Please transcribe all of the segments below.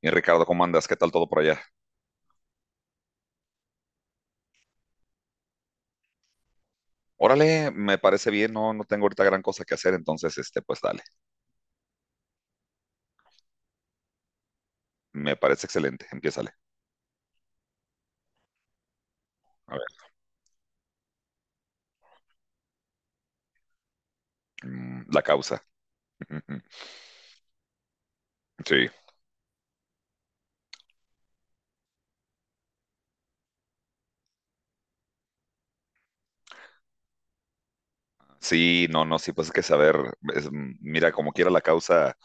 Y Ricardo, ¿cómo andas? ¿Qué tal todo por allá? Órale, me parece bien, no, no tengo ahorita gran cosa que hacer, entonces, este, pues dale, me parece excelente, empiézale. A ver, la causa. Sí, sí, no, no, sí, pues es que saber, mira, como quiera la causa,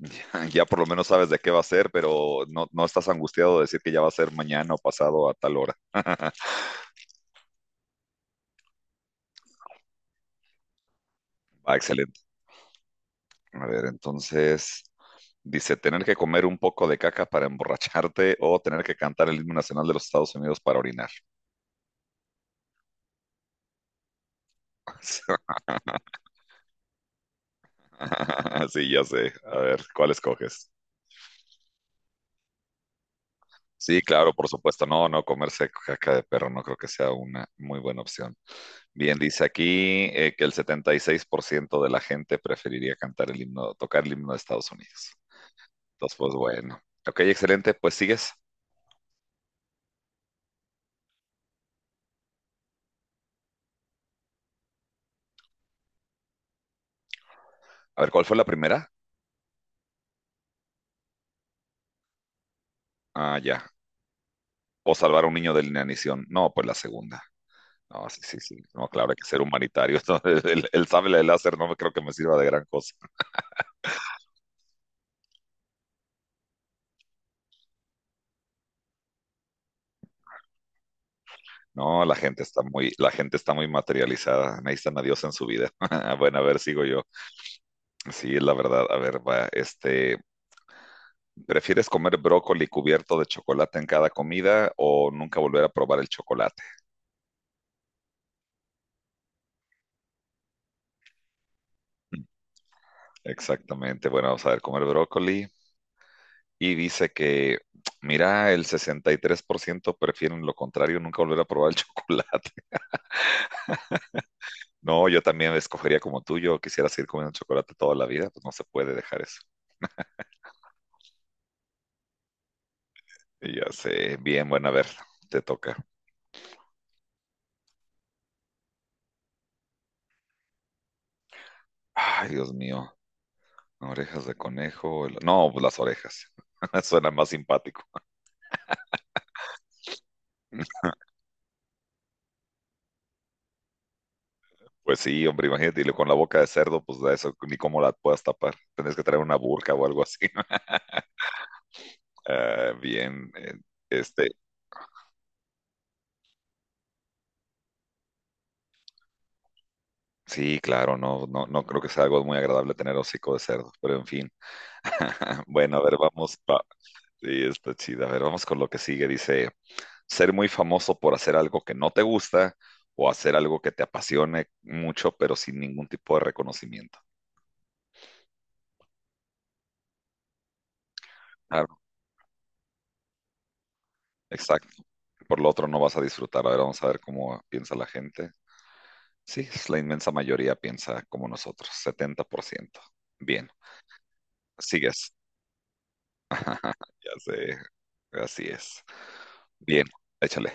ya, por lo menos sabes de qué va a ser, pero no, no estás angustiado de decir que ya va a ser mañana o pasado a tal hora. Ah, excelente. A ver, entonces, dice, tener que comer un poco de caca para emborracharte o tener que cantar el himno nacional de los Estados Unidos para orinar. Sí, ya sé. A ver, ¿cuál escoges? Sí, claro, por supuesto. No, no, comerse caca de perro no creo que sea una muy buena opción. Bien, dice aquí que el 76% de la gente preferiría cantar el himno, tocar el himno de Estados Unidos. Entonces, pues bueno. Ok, excelente. Pues sigues. A ver, ¿cuál fue la primera? Ah, ya. O salvar a un niño de la inanición. No, pues la segunda. No, sí, sí, sí. No, claro, hay que ser humanitario. El sable de láser no me creo que me sirva de gran cosa. No, la gente está muy materializada, necesitan a Dios en su vida. Bueno, a ver, sigo yo. Sí, la verdad, a ver, va, este, ¿prefieres comer brócoli cubierto de chocolate en cada comida o nunca volver a probar el chocolate? Exactamente, bueno, vamos a ver, comer brócoli y dice que, mira, el 63% prefieren lo contrario, nunca volver a probar el chocolate. No, yo también escogería como tú, yo quisiera seguir comiendo chocolate toda la vida, pues no se puede dejar eso. Y ya sé, bien, bueno, a ver, te toca. Ay, Dios mío, orejas de conejo. No, pues las orejas. Suena más simpático. Pues sí, hombre, imagínate, y luego con la boca de cerdo, pues de eso ni cómo la puedas tapar. Tendrías que traer una burka o algo así. Ah, bien, este, sí, claro, no, no, no creo que sea algo muy agradable tener hocico de cerdo, pero en fin. Bueno, a ver, vamos. Sí, está chida. A ver, vamos con lo que sigue. Dice, ser muy famoso por hacer algo que no te gusta o hacer algo que te apasione mucho, pero sin ningún tipo de reconocimiento. Ah, exacto. Por lo otro no vas a disfrutar. A ver, vamos a ver cómo piensa la gente. Sí, es la inmensa mayoría piensa como nosotros, 70%. Bien, sigues. Ya sé, así es. Bien, échale.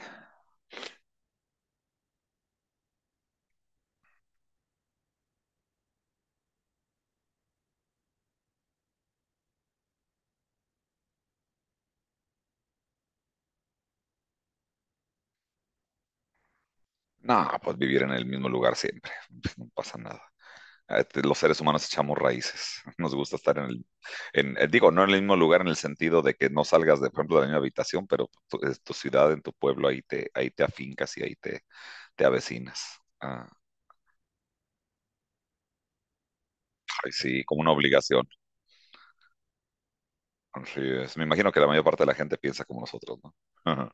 No, pues vivir en el mismo lugar siempre. No pasa nada. Los seres humanos echamos raíces. Nos gusta estar digo, no en el mismo lugar en el sentido de que no salgas, de, por ejemplo, de la misma habitación, pero es tu ciudad, en tu pueblo, ahí te afincas y ahí te avecinas. Ah, ay, sí, como una obligación. Así es. Me imagino que la mayor parte de la gente piensa como nosotros, ¿no? Ajá.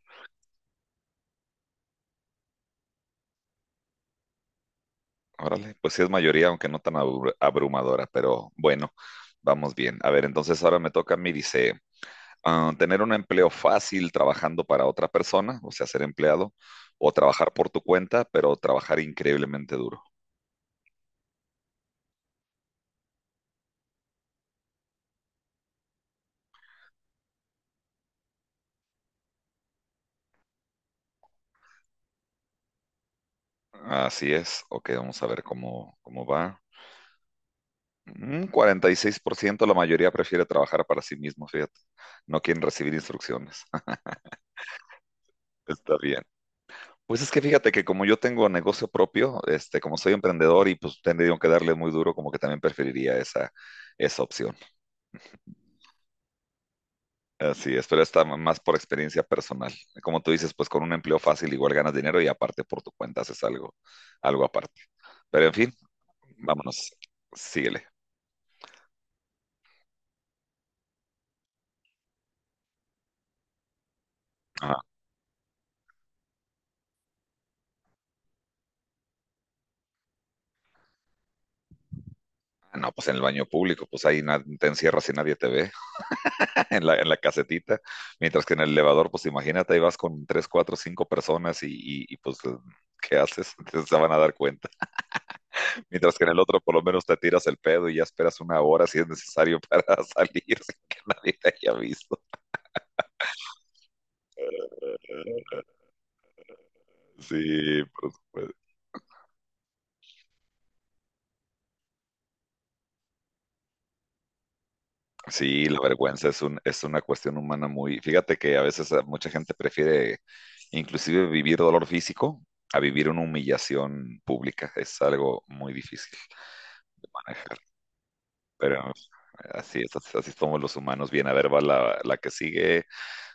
Órale, pues sí es mayoría, aunque no tan abrumadora, pero bueno, vamos bien. A ver, entonces ahora me toca a mí, dice, tener un empleo fácil trabajando para otra persona, o sea, ser empleado, o trabajar por tu cuenta, pero trabajar increíblemente duro. Así es. Ok, vamos a ver cómo va. Un la mayoría prefiere trabajar para sí mismo, fíjate. No quieren recibir instrucciones. Está bien. Pues es que fíjate que como yo tengo negocio propio, este, como soy emprendedor y pues tendría que darle muy duro, como que también preferiría esa opción. Así es, pero está más por experiencia personal. Como tú dices, pues con un empleo fácil igual ganas dinero y aparte por tu cuenta haces algo aparte. Pero en fin, vámonos, síguele. Ah, no, pues en el baño público, pues ahí te encierras y nadie te ve, en la casetita, mientras que en el elevador, pues imagínate, ahí vas con tres, cuatro, cinco personas y, pues, ¿qué haces? Entonces se van a dar cuenta. Mientras que en el otro por lo menos te tiras el pedo y ya esperas una hora si es necesario para salir sin que nadie te haya visto. Sí, por supuesto. Sí, la vergüenza es un, es una cuestión humana muy. Fíjate que a veces a mucha gente prefiere inclusive vivir dolor físico a vivir una humillación pública. Es algo muy difícil de manejar. Pero así es, así somos los humanos. Bien, a ver, va la que sigue.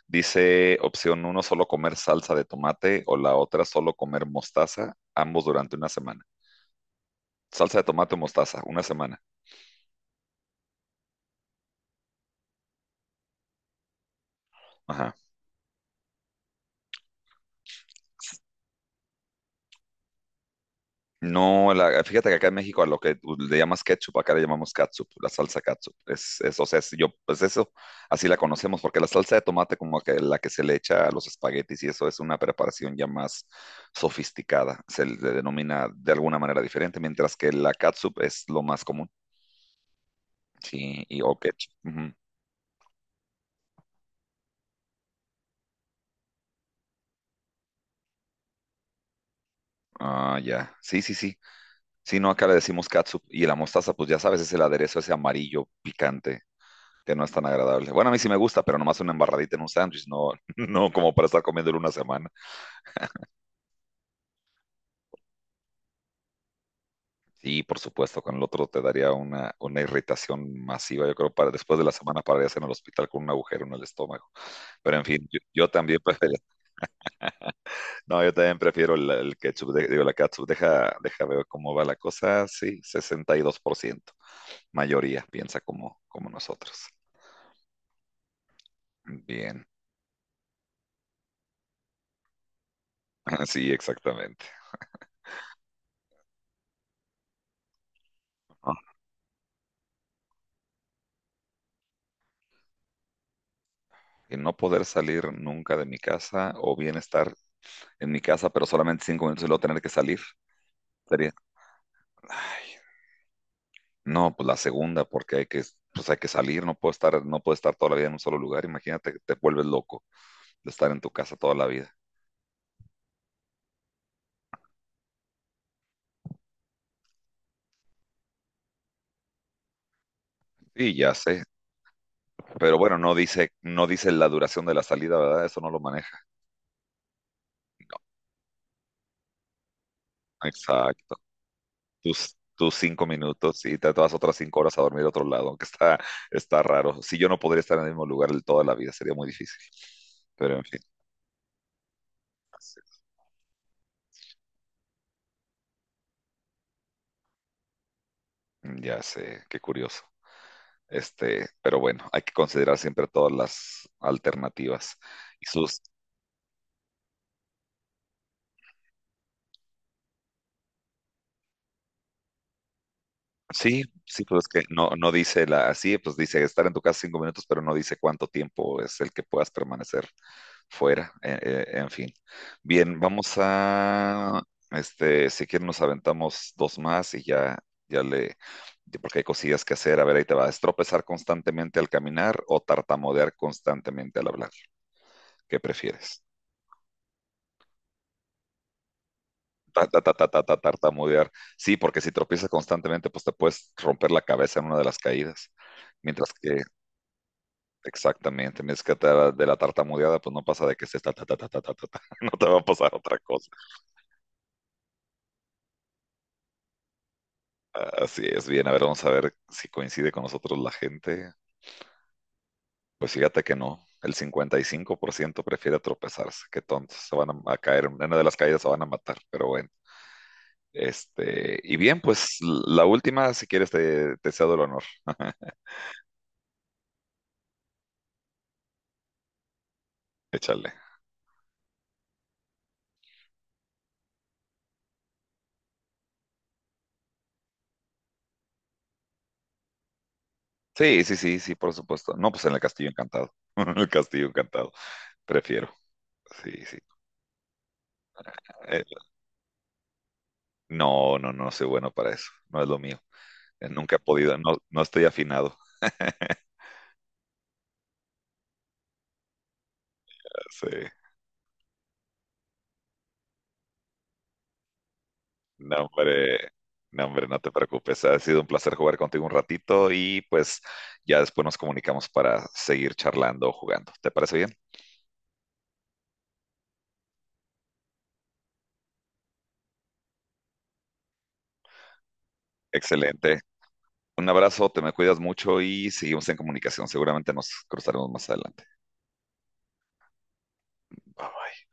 Dice opción uno, solo comer salsa de tomate o la otra, solo comer mostaza, ambos durante una semana. Salsa de tomate o mostaza, una semana. Ajá. No, fíjate que acá en México a lo que tú le llamas ketchup, acá le llamamos catsup, la salsa catsup. O sea, yo, pues eso, así la conocemos, porque la salsa de tomate como que la que se le echa a los espaguetis y eso es una preparación ya más sofisticada, se le denomina de alguna manera diferente, mientras que la catsup es lo más común. Sí, y o ketchup. Ujú. Ah, ya. Sí, sí, sí. Sí, no, acá le decimos catsup. Y la mostaza, pues ya sabes, es el aderezo ese amarillo picante que no es tan agradable. Bueno, a mí sí me gusta, pero nomás una embarradita en un sándwich, no, no como para estar comiéndolo una semana. Sí, por supuesto, con el otro te daría una irritación masiva. Yo creo para después de la semana pararías en el hospital con un agujero en el estómago. Pero en fin, yo también prefiero, no, yo también prefiero el ketchup, digo, la catsup. Deja ver cómo va la cosa. Sí, 62%, mayoría piensa como nosotros. Bien, sí, exactamente. Ajá. Y no poder salir nunca de mi casa o bien estar en mi casa, pero solamente 5 minutos y luego tener que salir. Sería, ay, no, pues la segunda, porque pues hay que salir, no puedo estar toda la vida en un solo lugar. Imagínate que te vuelves loco de estar en tu casa toda la vida. Y ya sé, pero bueno, no dice la duración de la salida, ¿verdad? Eso no lo maneja. No, exacto. Tus 5 minutos y te vas otras 5 horas a dormir a otro lado, aunque está raro. Si yo no podría estar en el mismo lugar toda la vida, sería muy difícil. Pero en fin, ya sé, qué curioso. Pero bueno, hay que considerar siempre todas las alternativas y sus. Sí, sí, pues es que no, no dice pues dice estar en tu casa 5 minutos, pero no dice cuánto tiempo es el que puedas permanecer fuera. En fin. Bien, si quieren nos aventamos dos más y ya, ya le, porque hay cosillas que hacer. A ver, ahí te va. ¿Es tropezar constantemente al caminar o tartamudear constantemente al hablar? ¿Qué prefieres? Ta, ta, ta, ta, ta, ta, tartamudear. Sí, porque si tropiezas constantemente, pues te puedes romper la cabeza en una de las caídas. Mientras que Exactamente, me es que te- de la tartamudeada, pues no pasa de que se está, ta, ta, ta, ta, ta, ta, ta, no te va a pasar otra cosa. Así es, bien, a ver, vamos a ver si coincide con nosotros la gente. Pues fíjate que no, el 55% prefiere tropezarse, qué tontos, se van a caer, en una de las caídas se van a matar, pero bueno. Y bien, pues la última, si quieres, te cedo el honor, échale. Sí, sí, sí, sí, por supuesto. No, pues en el Castillo Encantado, en el Castillo Encantado, prefiero. Sí, sí. Eh, No, no, no soy bueno para eso. No es lo mío. Nunca he podido, no, no estoy afinado. Sí. No, hombre, no, hombre, no te preocupes. Ha sido un placer jugar contigo un ratito y pues ya después nos comunicamos para seguir charlando o jugando. ¿Te parece bien? Excelente. Un abrazo, te me cuidas mucho y seguimos en comunicación. Seguramente nos cruzaremos más adelante. Bye bye.